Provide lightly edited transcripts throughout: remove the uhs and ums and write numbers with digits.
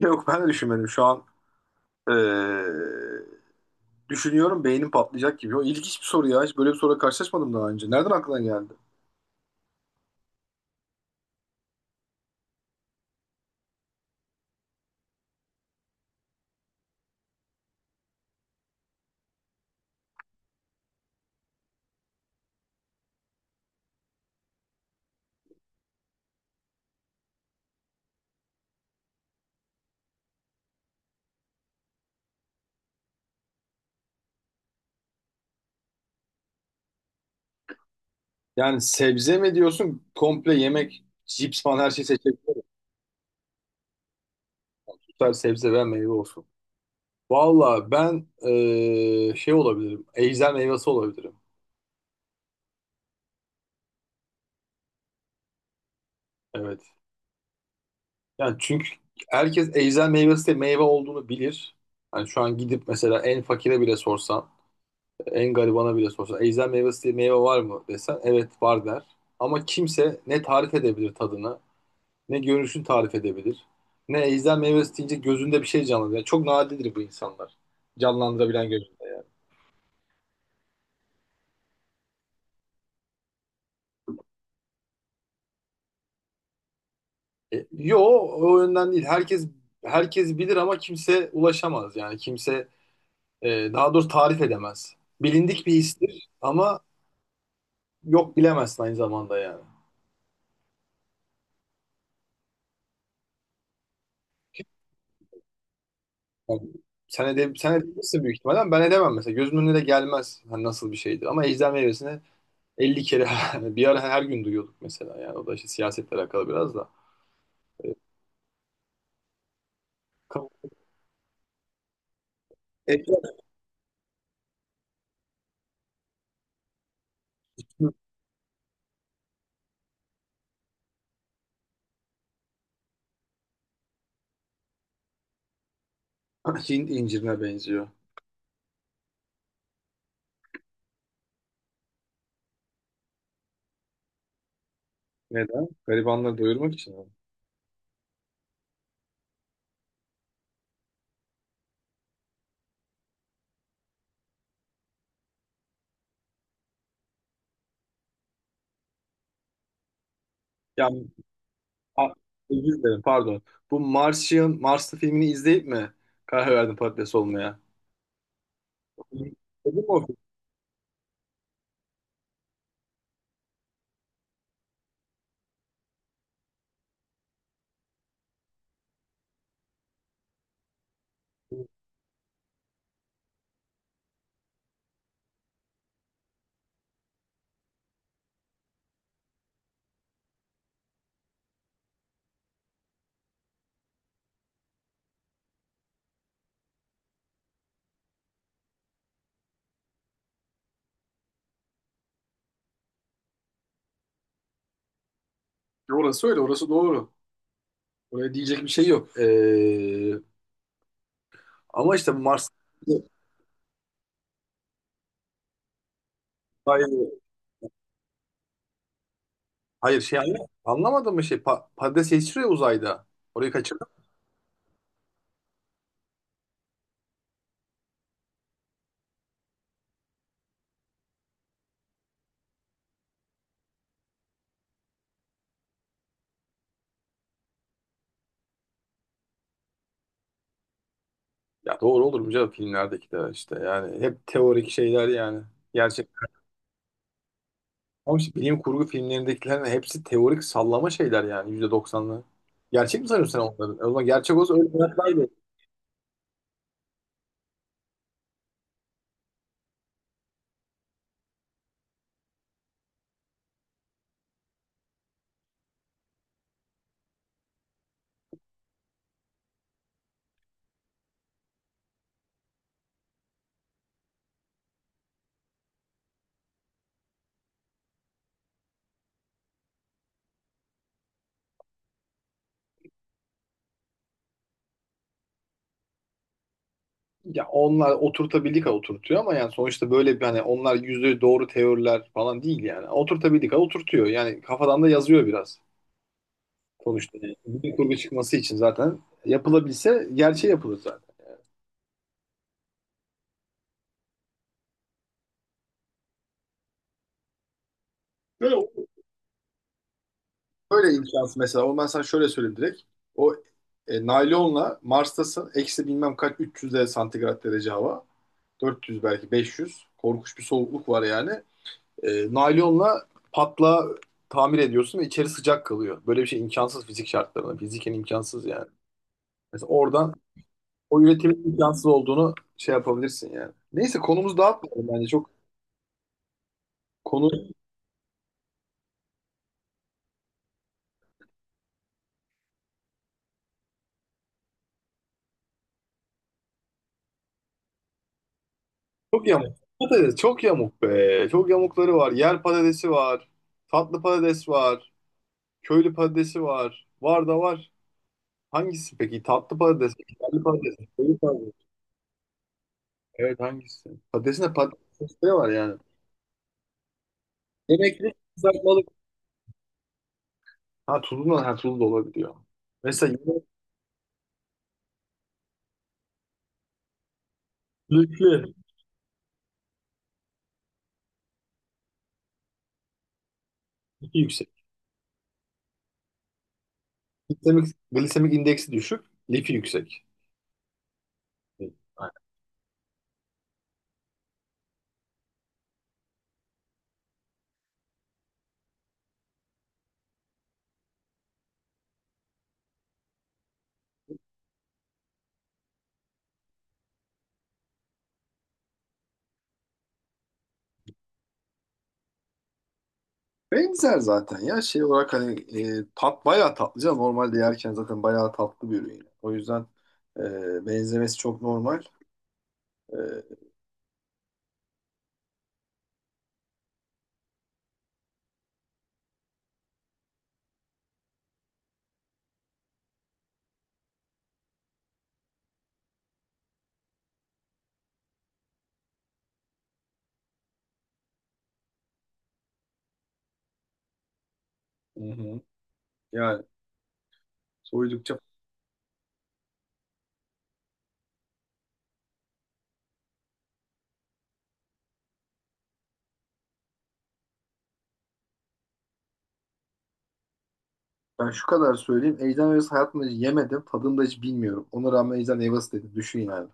Yok ben de düşünmedim. Şu an eee, düşünüyorum, beynim patlayacak gibi. O ilginç bir soru ya. Hiç böyle bir soruyla karşılaşmadım daha önce. Nereden aklına geldi? Yani sebze mi diyorsun, komple yemek, cips falan her şeyi seçebilirim. Tutar, sebze veya meyve olsun. Valla ben şey olabilirim. Ejder meyvesi olabilirim. Evet. Yani çünkü herkes ejder meyvesi de meyve olduğunu bilir. Hani şu an gidip mesela en fakire bile sorsan, en garibana bile sorsa, ejder meyvesi diye meyve var mı desen, evet var der. Ama kimse ne tarif edebilir tadını, ne görünüşünü tarif edebilir. Ne ejder meyvesi deyince gözünde bir şey canlanır. Yani çok nadirdir bu insanlar. Canlandırabilen gözünde. E, yo, o yönden değil. Herkes bilir ama kimse ulaşamaz. Yani kimse, daha doğrusu, tarif edemez. Bilindik bir histir ama yok, bilemezsin aynı zamanda yani. Yani sen edebilirsin büyük ihtimalle ama ben edemem mesela. Gözümün önüne de gelmez hani nasıl bir şeydi. Ama ejder meyvesini 50 kere bir ara her gün duyuyorduk mesela. Yani o da işte siyasetle alakalı biraz da. Ka- Ejder Hint incirine benziyor. Neden? Garibanları doyurmak için mi? Yani a- özür dilerim, pardon. Bu Martian, Marslı filmini izleyip mi karar verdin patates olmaya? Dedim mi o filmi? Orası öyle, orası doğru. Oraya diyecek bir şey yok. Ama işte Mars. Hayır, şey, anlamadım mı, şey, patates yetiştiriyor uzayda. Orayı kaçırdım. Ya doğru olur mu canım, filmlerdeki de işte yani hep teorik şeyler yani. Gerçek. Ama işte bilim kurgu filmlerindekilerin hepsi teorik sallama şeyler yani, %90'lı. Gerçek mi sanıyorsun sen onları? O zaman gerçek olsa öyle hayatlardı. Ya onlar oturtabildik ha oturtuyor ama yani sonuçta böyle bir hani, onlar yüzde doğru teoriler falan değil yani. Oturtabildik ha oturtuyor. Yani kafadan da yazıyor biraz sonuçta. Yani bilim kurgu çıkması için zaten, yapılabilse gerçeği yapılır zaten. Böyle Böyle imkansız mesela. O, ben sana şöyle söyleyeyim direkt. O naylonla Mars'tasın. Eksi bilmem kaç 300 de santigrat derece hava. 400, belki 500. Korkunç bir soğukluk var yani. Naylonla tamir ediyorsun ve içeri sıcak kalıyor. Böyle bir şey imkansız fizik şartlarında. Fiziken imkansız yani. Mesela oradan o üretimin imkansız olduğunu şey yapabilirsin yani. Neyse, konumuzu dağıtmayalım bence. Çok konu çok yamuk. Patates çok yamuk be. Çok yamukları var. Yer patatesi var. Tatlı patates var. Köylü patatesi var. Var da var. Hangisi peki? Tatlı patates, şekerli patates, köylü patates. Evet, hangisi? Patatesin de patates sosları var yani. Yemekli, kızartmalık. Ha tuzlu da, ha tuzlu da olabiliyor. Mesela yemek, lifli, lifi yüksek. Glisemik indeksi düşük, lifi yüksek. Evet, aynen. Benzer zaten ya, şey olarak hani, tat bayağı tatlı canım. Normalde yerken zaten bayağı tatlı bir ürün. O yüzden benzemesi çok normal. E, Hı hı. Yani soydukça. Ben şu kadar söyleyeyim, ejder meyvesi hayatımda hiç yemedim. Tadını da hiç bilmiyorum. Ona rağmen ejder meyvesi dedi. Düşün yani.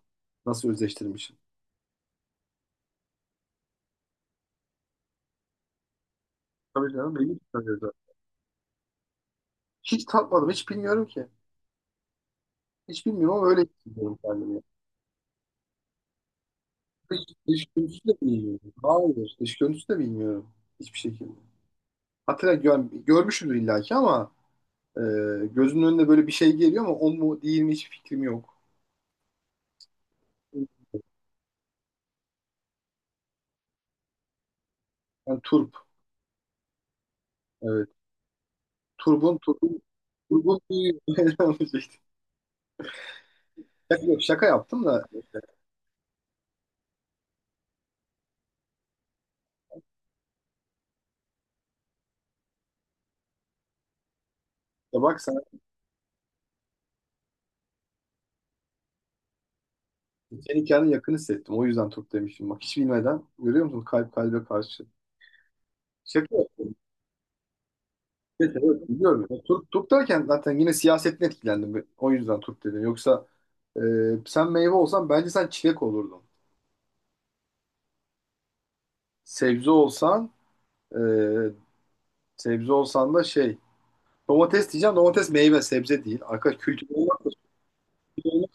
Nasıl özleştirmişim. Tabii canım, benim için öyle zaten. Hiç tatmadım. Hiç bilmiyorum ki. Hiç bilmiyorum ama öyle hissediyorum kendimi. Dış, dış görüntüsü de bilmiyorum. Hayır. Dış görüntüsü de bilmiyorum. Hiçbir şekilde. Hatta görmüşümdür illaki ama, e, gözümün önüne böyle bir şey geliyor ama o mu değil mi, hiç fikrim yok. Yani turp. Evet. Turbun, turbun, turbun. Şaka yaptım da. Ya bak sen. Senin hikayenin yakın hissettim. O yüzden Türk demiştim. Bak hiç bilmeden görüyor musun? Kalp kalbe karşı. Şaka yok. Evet, evet, biliyorum. Ya, Türk, Türk derken zaten yine siyasetten etkilendim. O yüzden Türk dedim. Yoksa, e, sen meyve olsan bence sen çilek olurdun. Sebze olsan e, sebze olsan da şey, domates diyeceğim. Domates meyve, sebze değil. Arkadaş kültür olmak, kültür olmak.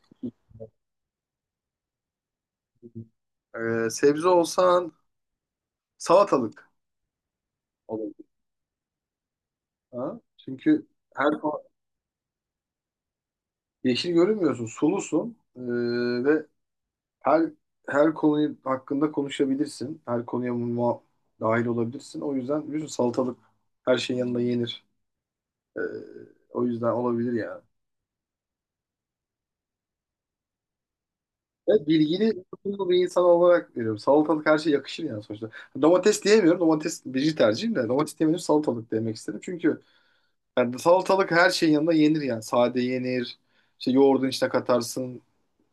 Sebze olsan salatalık olurdun. Ha? Çünkü her yeşil görünmüyorsun. Sulusun. Ve her her konuyu hakkında konuşabilirsin. Her konuya dahil olabilirsin. O yüzden biliyorsun, salatalık her şeyin yanında yenir. Ee, o yüzden olabilir yani. Evet, bilgili, tutumlu bir insan olarak veriyorum. Salatalık her şeye yakışır yani sonuçta. Domates diyemiyorum. Domates birinci tercihim de. Domates diyemiyorum. Salatalık demek istedim. Çünkü yani salatalık her şeyin yanında yenir yani. Sade yenir. İşte yoğurdun içine katarsın.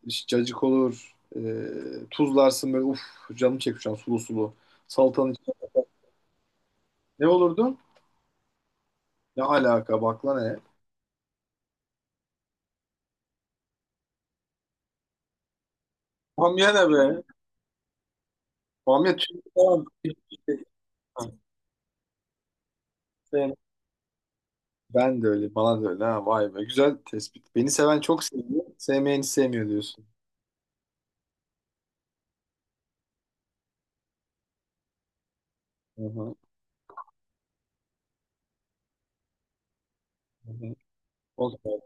İşte cacık olur. Tuzlarsın böyle, uf canım çekti şu an, sulu sulu. Salatanın içine. Ne olurdu? Ne alaka bak lan hele. Bamya ne be? Bamya tüm, tamam. Ben- Ben de öyle, bana da öyle. Ha, vay be. Güzel tespit. Beni seven çok seviyor, sevmeyen hiç sevmiyor diyorsun. Hı hı, hı hı. Okey.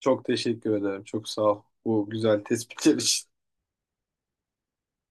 Çok teşekkür ederim. Çok sağ ol, bu güzel tespitler için.